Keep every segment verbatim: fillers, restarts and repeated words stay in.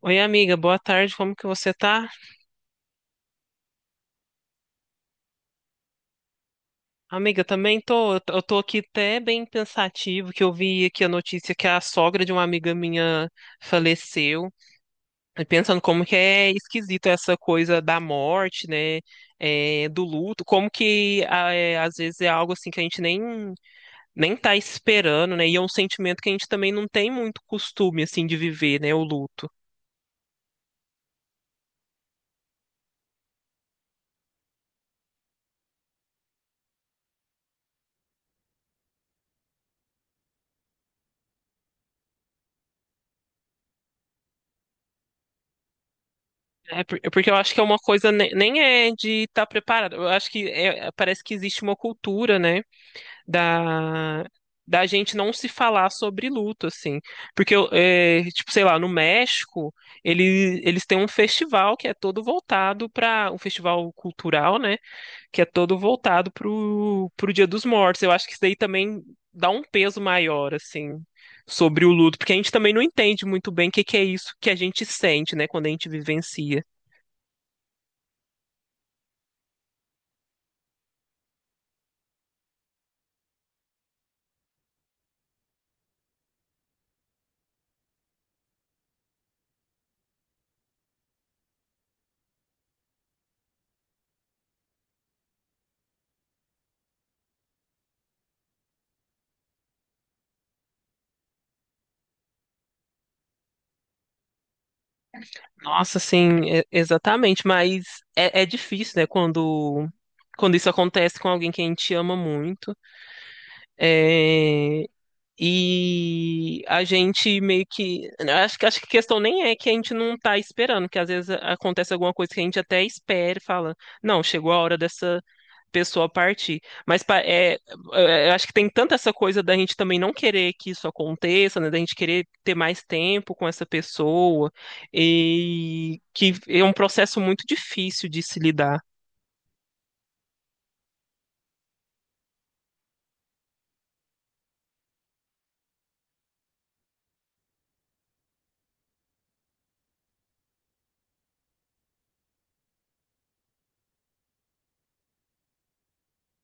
Oi, amiga, boa tarde, como que você tá? Amiga, também tô, eu tô eu tô aqui até bem pensativo, que eu vi aqui a notícia que a sogra de uma amiga minha faleceu, e pensando como que é esquisito essa coisa da morte, né, é, do luto, como que ah, é, às vezes é algo assim que a gente nem, nem tá esperando, né, e é um sentimento que a gente também não tem muito costume, assim, de viver, né, o luto. É por- é porque eu acho que é uma coisa ne- nem é de estar preparado. Eu acho que é- é, parece que existe uma cultura, né, da da gente não se falar sobre luto, assim. Porque eu, é, tipo, sei lá, no México, ele, eles têm um festival que é todo voltado para um festival cultural, né, que é todo voltado pro pro Dia dos Mortos. Eu acho que isso daí também dá um peso maior, assim. Sobre o luto, porque a gente também não entende muito bem o que que é isso que a gente sente, né, quando a gente vivencia. Nossa, sim, e- exatamente, mas é, é difícil, né, quando, quando isso acontece com alguém que a gente ama muito, é, e a gente meio que, acho, que- acho que a questão nem é que a gente não tá esperando, que às vezes acontece alguma coisa que a gente até espera e fala, não, chegou a hora dessa pessoa partir. Mas pa- é, é, eu acho que tem tanta essa coisa da gente também não querer que isso aconteça, né? Da gente querer ter mais tempo com essa pessoa, e que é um processo muito difícil de se lidar.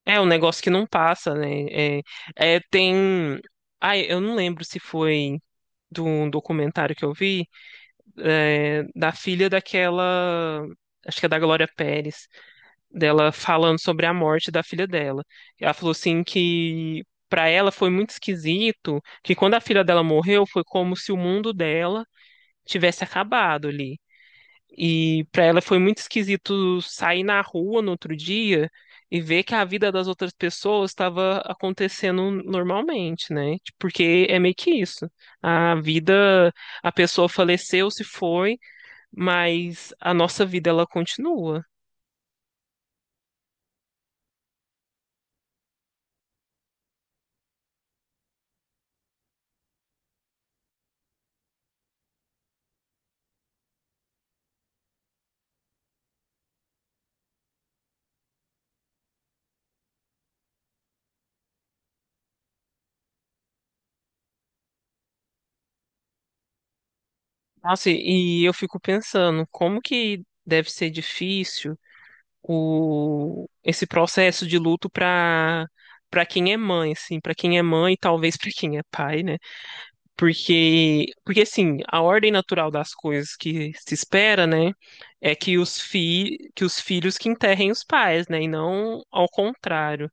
É um negócio que não passa, né? É, é, tem. Ai, eu não lembro se foi de um documentário que eu vi, é, da filha daquela. Acho que é da Glória Pérez dela falando sobre a morte da filha dela. Ela falou assim que para ela foi muito esquisito, que quando a filha dela morreu foi como se o mundo dela tivesse acabado ali. E para ela foi muito esquisito sair na rua no outro dia e ver que a vida das outras pessoas estava acontecendo normalmente, né? Tipo, porque é meio que isso. A vida, a pessoa faleceu, se foi, mas a nossa vida ela continua. Nossa, e e eu fico pensando, como que deve ser difícil o, esse processo de luto para para quem é mãe, assim, para quem é mãe e talvez para quem é pai, né? Porque, porque assim, a ordem natural das coisas que se espera, né, é que os fi, que os filhos que enterrem os pais, né, e não ao contrário.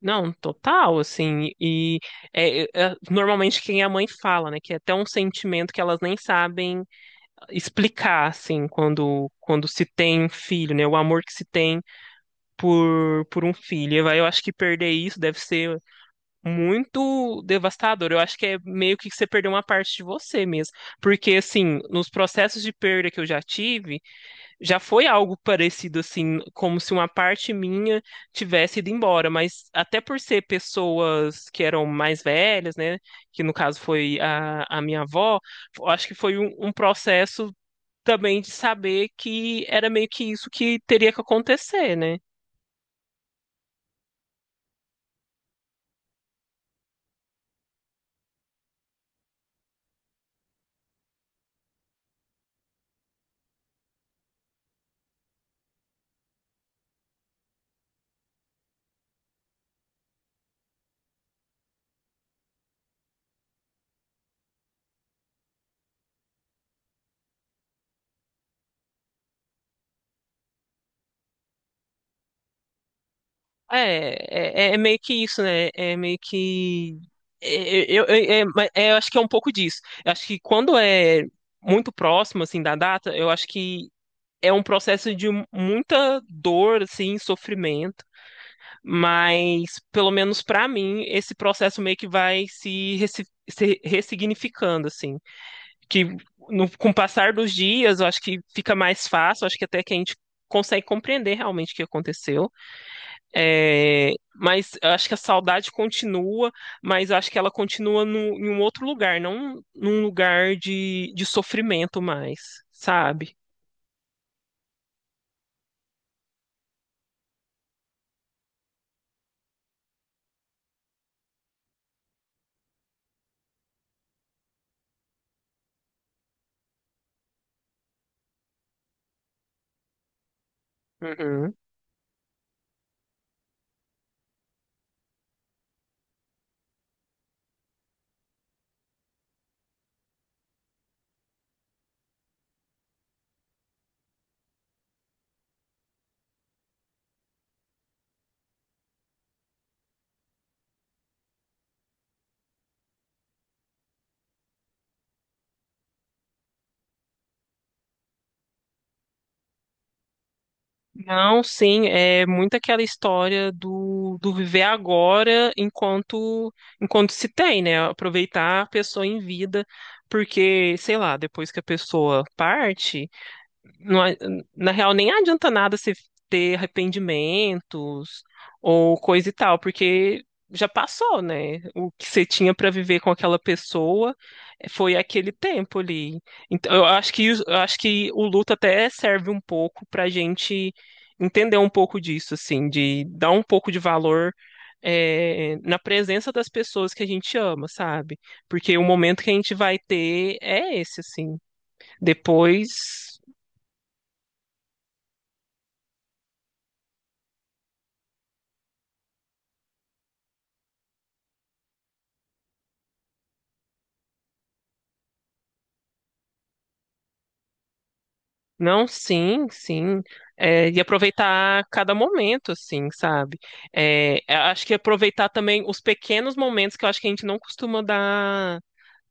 Não, total, assim, e é, é, normalmente quem é mãe fala, né, que é até um sentimento que elas nem sabem explicar, assim, quando, quando se tem um filho, né? O amor que se tem por, por um filho. Eu eu acho que perder isso deve ser muito devastador. Eu acho que é meio que você perdeu uma parte de você mesmo. Porque, assim, nos processos de perda que eu já tive, já foi algo parecido, assim, como se uma parte minha tivesse ido embora. Mas até por ser pessoas que eram mais velhas, né? Que no caso foi a, a minha avó, eu acho que foi um, um processo também de saber que era meio que isso que teria que acontecer, né? É, é, é é meio que isso, né? É meio que. é- é, Eu, eu, é- mas é, eu acho que é um pouco disso. Eu acho que quando é muito próximo, assim, da data, eu acho que é um processo de muita dor, assim, sofrimento, mas, pelo menos pra mim, esse processo meio que vai se, reci- se ressignificando, assim. Que no, com o passar dos dias, eu acho que fica mais fácil, eu acho que até que a gente consegue compreender realmente o que aconteceu. É, mas eu acho que a saudade continua, mas eu acho que ela continua no, em um outro lugar, não num lugar de, de sofrimento mais, sabe? Uhum. Não, sim, é muito aquela história do, do viver agora enquanto enquanto se tem, né? Aproveitar a pessoa em vida, porque, sei lá, depois que a pessoa parte, não a- na real, nem adianta nada você ter arrependimentos ou coisa e tal, porque já passou, né? O que você tinha para viver com aquela pessoa eh, foi aquele tempo ali. Então, eu acho que, eu acho que o luto até serve um pouco para gente entender um pouco disso, assim, de dar um pouco de valor. É, na presença das pessoas que a gente ama, sabe? Porque o momento que a gente vai ter é esse, assim. Depois. Não, sim, sim. É, e aproveitar cada momento, assim, sabe? É, eu acho que aproveitar também os pequenos momentos que eu acho que a gente não costuma dar,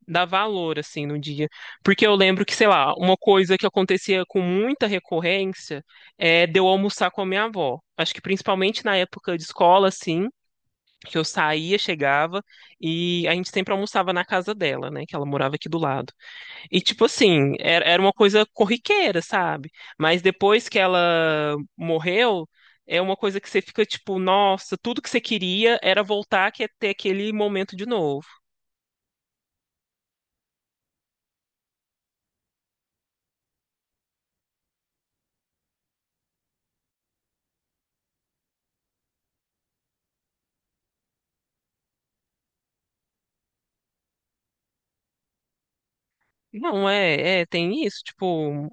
dar valor, assim, no dia. Porque eu lembro que, sei lá, uma coisa que acontecia com muita recorrência é de eu almoçar com a minha avó. Acho que principalmente na época de escola, assim, que eu saía, chegava, e a gente sempre almoçava na casa dela, né? Que ela morava aqui do lado. E, tipo assim, era, era uma coisa corriqueira, sabe? Mas depois que ela morreu, é uma coisa que você fica tipo, nossa, tudo que você queria era voltar, que é ter aquele momento de novo. Não, é, é, tem isso, tipo,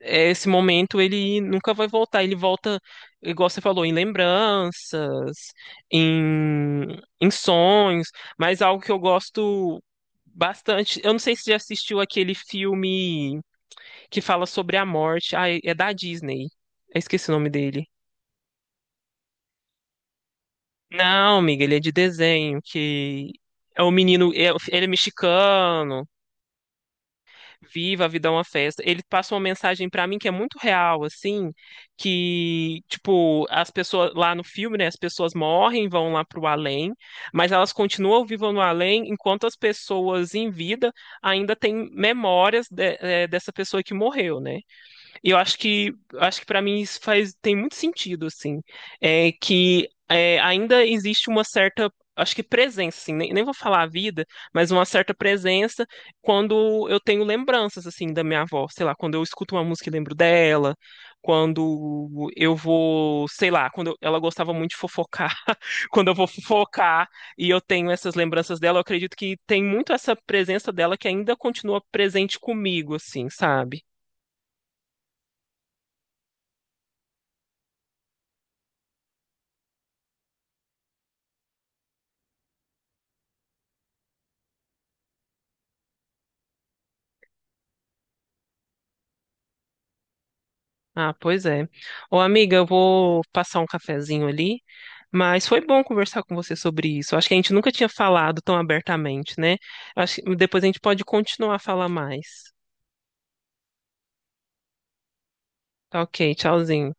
é, esse momento ele nunca vai voltar, ele volta, igual você falou, em lembranças, em, em sonhos, mas algo que eu gosto bastante, eu não sei se você já assistiu aquele filme que fala sobre a morte. Ah, é é da Disney. Eu esqueci o nome dele. Não, amiga, ele é de desenho, que é o menino, é- ele é mexicano, viva a vida é uma festa. Ele passa uma mensagem pra mim que é muito real, assim, que, tipo, as pessoas lá no filme, né, as pessoas morrem, vão lá pro além, mas elas continuam vivas no além, enquanto as pessoas em vida ainda têm memórias de- eh, dessa pessoa que morreu, né? E eu acho que acho que para mim isso faz tem muito sentido assim, é que é, ainda existe uma certa acho que presença assim, nem, nem vou falar a vida, mas uma certa presença quando eu tenho lembranças assim da minha avó, sei lá, quando eu escuto uma música e lembro dela, quando eu vou, sei lá, quando eu- ela gostava muito de fofocar, quando eu vou fofocar e eu tenho essas lembranças dela, eu acredito que tem muito essa presença dela que ainda continua presente comigo assim, sabe? Ah, pois é. Ô, amiga, eu vou passar um cafezinho ali, mas foi bom conversar com você sobre isso. Acho que a gente nunca tinha falado tão abertamente, né? Acho que depois a gente pode continuar a falar mais. Tá, ok, tchauzinho.